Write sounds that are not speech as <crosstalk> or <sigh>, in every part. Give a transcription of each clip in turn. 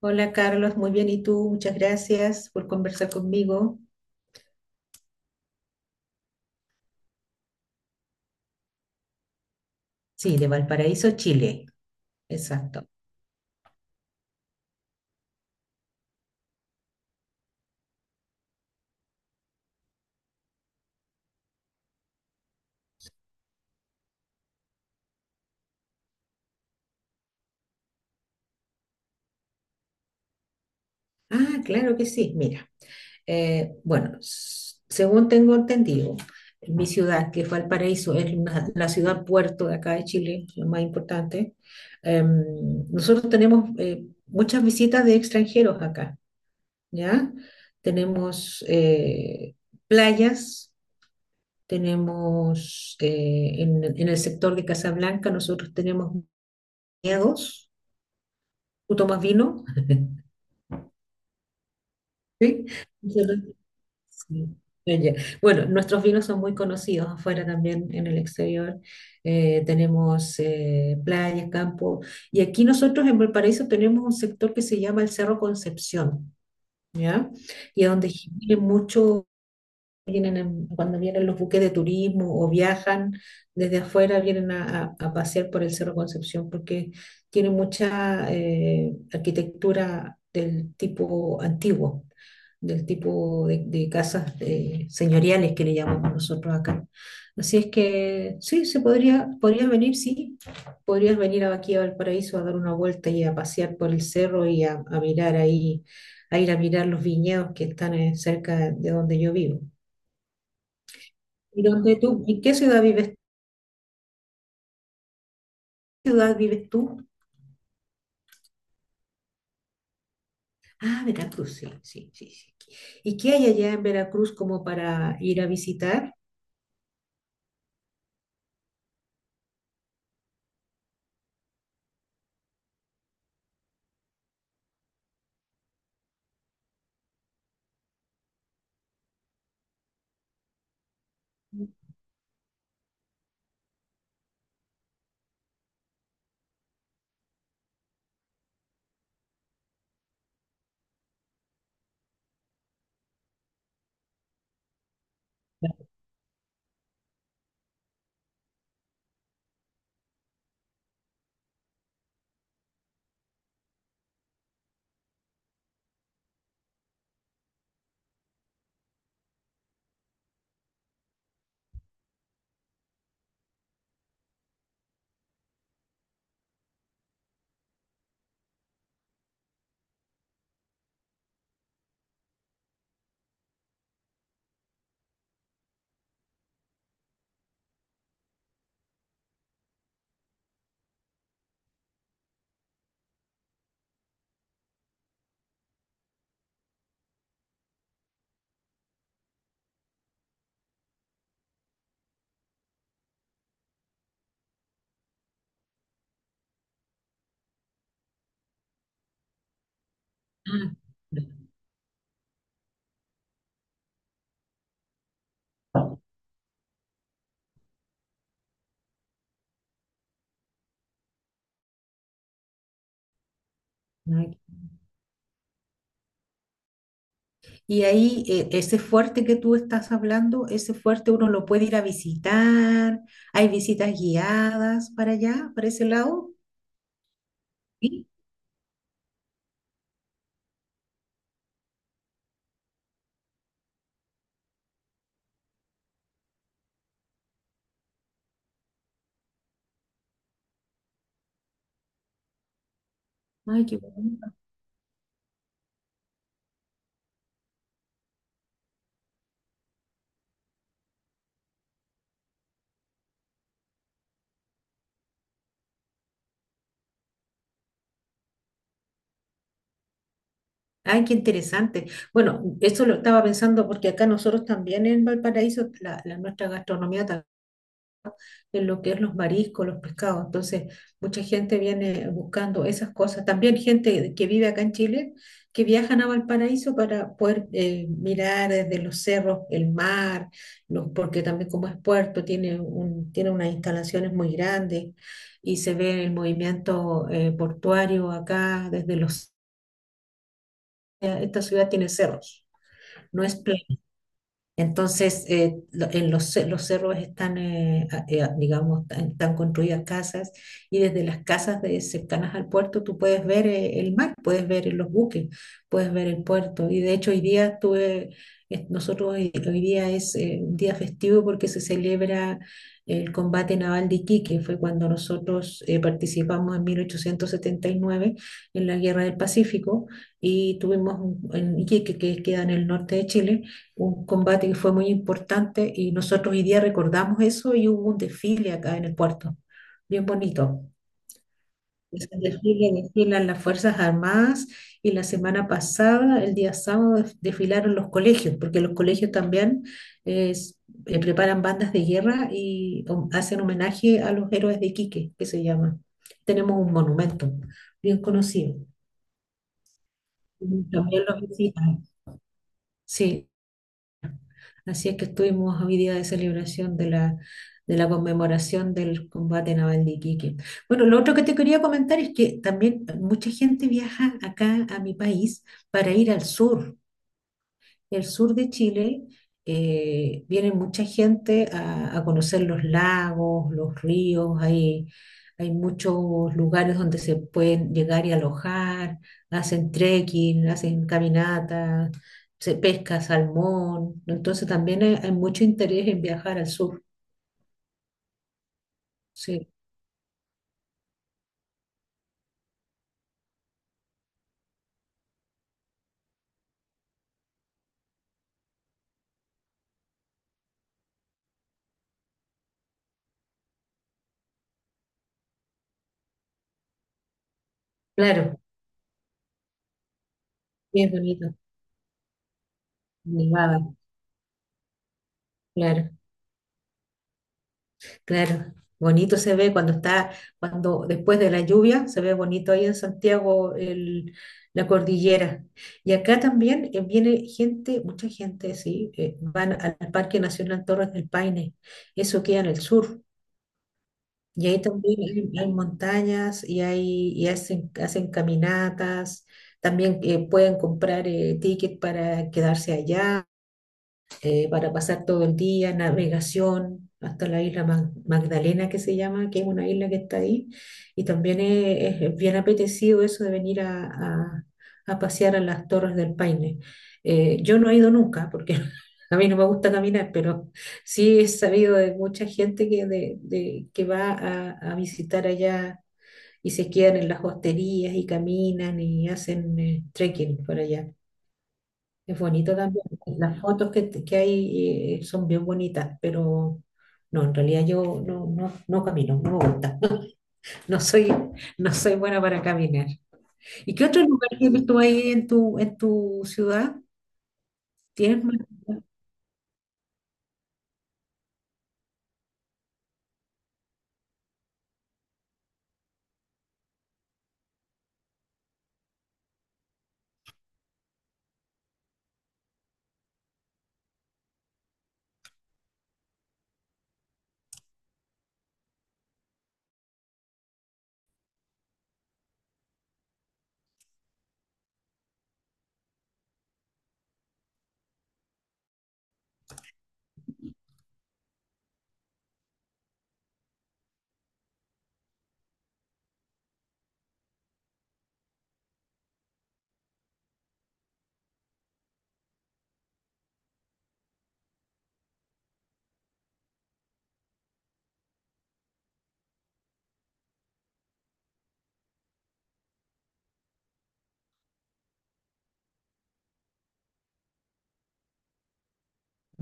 Hola Carlos, muy bien. ¿Y tú? Muchas gracias por conversar conmigo. Sí, de Valparaíso, Chile. Exacto. Ah, claro que sí. Mira, según tengo entendido, mi ciudad, que es Valparaíso, la ciudad puerto de acá de Chile, lo más importante. Nosotros tenemos muchas visitas de extranjeros acá, ¿ya? Tenemos playas. Tenemos en el sector de Casablanca, nosotros tenemos viñedos. ¿Tú tomas vino? <laughs> Sí. Nosotros- sí. Ah, ya. Bueno, nuestros vinos son muy conocidos afuera también, en el exterior. Tenemos playas, campo. Y aquí nosotros en Valparaíso tenemos un sector que se llama el Cerro Concepción, ¿ya? Y a donde vienen muchos vienen en- cuando vienen los buques de turismo o viajan desde afuera, vienen a pasear por el Cerro Concepción porque tiene mucha arquitectura del tipo antiguo, del tipo de casas señoriales que le llamamos nosotros acá. Así es que sí, podrías venir, sí, podrías venir aquí a Valparaíso a dar una vuelta y a pasear por el cerro y a mirar ahí, a ir a mirar los viñedos que están cerca de donde yo vivo. ¿Y dónde tú? ¿En qué ciudad vives tú? Ah, Veracruz, sí, sí, sí, sí. ¿Y qué hay allá en Veracruz como para ir a visitar? Ah, no. Y ahí, ese fuerte que tú estás hablando, ese fuerte uno lo puede ir a visitar. Hay visitas guiadas para allá, para ese lado. Sí. Ay, qué bueno. Ay, qué interesante. Bueno, eso lo estaba pensando porque acá nosotros también en Valparaíso, nuestra gastronomía en lo que es los mariscos, los pescados. Entonces, mucha gente viene buscando esas cosas. También gente que vive acá en Chile, que viajan a Valparaíso para poder mirar desde los cerros el mar, los, porque también como es puerto, tiene unas instalaciones muy grandes y se ve el movimiento portuario acá desde los... Esta ciudad tiene cerros, no es playa. Entonces, los cerros están, digamos, están construidas casas y desde las casas de, cercanas al puerto tú puedes ver el mar, puedes ver los buques, puedes ver el puerto. Y de hecho hoy día nosotros hoy día es un día festivo porque se celebra el combate naval de Iquique, fue cuando nosotros participamos en 1879 en la Guerra del Pacífico y en Iquique, que queda en el norte de Chile, un combate que fue muy importante y nosotros hoy día recordamos eso y hubo un desfile acá en el puerto, bien bonito. Ese desfile desfilan las Fuerzas Armadas y la semana pasada, el día sábado, desfilaron los colegios, porque los colegios también es- preparan bandas de guerra y hacen homenaje a los héroes de Iquique, que se llama. Tenemos un monumento bien conocido. También los visitan. Sí, así es que estuvimos hoy día de celebración de la conmemoración del combate naval de Iquique. Bueno, lo otro que te quería comentar es que también mucha gente viaja acá a mi país para ir al sur, el sur de Chile, viene mucha gente a conocer los lagos, los ríos, hay muchos lugares donde se pueden llegar y alojar, hacen trekking, hacen caminatas, se pesca salmón, entonces también hay mucho interés en viajar al sur, sí, claro, y es bonito. Nevada, claro. Claro, bonito se ve cuando está, cuando después de la lluvia, se ve bonito ahí en Santiago la cordillera. Y acá también viene gente, mucha gente, sí, van al Parque Nacional Torres del Paine, eso queda en el sur. Y ahí también hay montañas y, hay, y hacen, hacen caminatas, también pueden comprar ticket para quedarse allá para pasar todo el día, navegación hasta la Magdalena que se llama, que es una isla que está ahí. Y también es bien apetecido eso de venir a pasear a las Torres del Paine. Yo no he ido nunca porque <laughs> a mí no me gusta caminar, pero sí he sabido de mucha gente que va a visitar allá. Y se quedan en las hosterías y caminan y hacen trekking por allá. Es bonito también. Las fotos que hay son bien bonitas, pero no, en realidad yo no, no, no camino, no me gusta. <laughs> No soy, no soy buena para caminar. ¿Y qué otro lugar tienes tú ahí en tu ciudad? ¿Tienes más?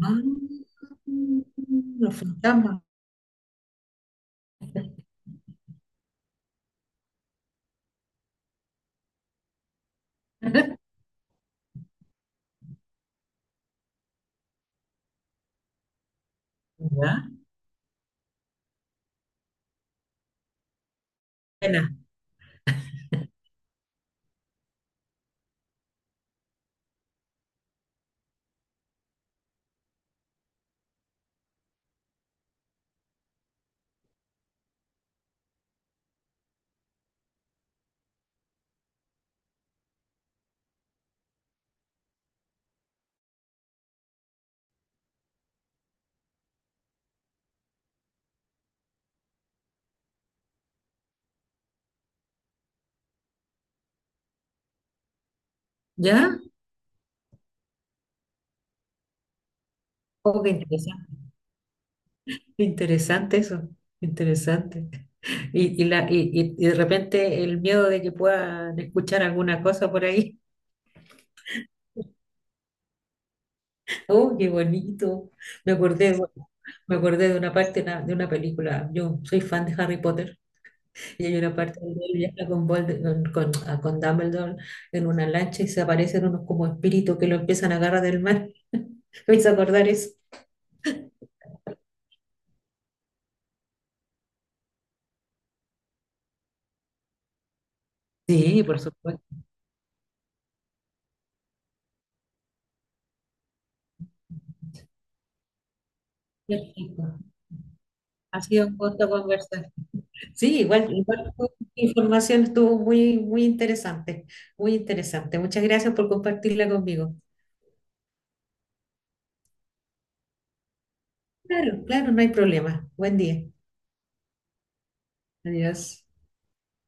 Ah, los fantasmas. ¿Ya? Buena. ¿Ya? Oh, qué interesante. Interesante eso. Interesante. Y la, y de repente el miedo de que puedan escuchar alguna cosa por ahí. Oh, qué bonito. Me acordé, de- me acordé de una parte de una película. Yo soy fan de Harry Potter y hay una parte donde él viaja con, Volde- con- a- con Dumbledore en una lancha y se aparecen unos como espíritus que lo empiezan a agarrar del mar. <laughs> ¿Me hizo acordar eso? Sí, por supuesto. Qué rico. Ha sido un gusto conversar. Sí, igual, igual tu información estuvo muy, muy interesante, muy interesante. Muchas gracias por compartirla conmigo. Claro, claro, no hay problema. Buen día. Adiós.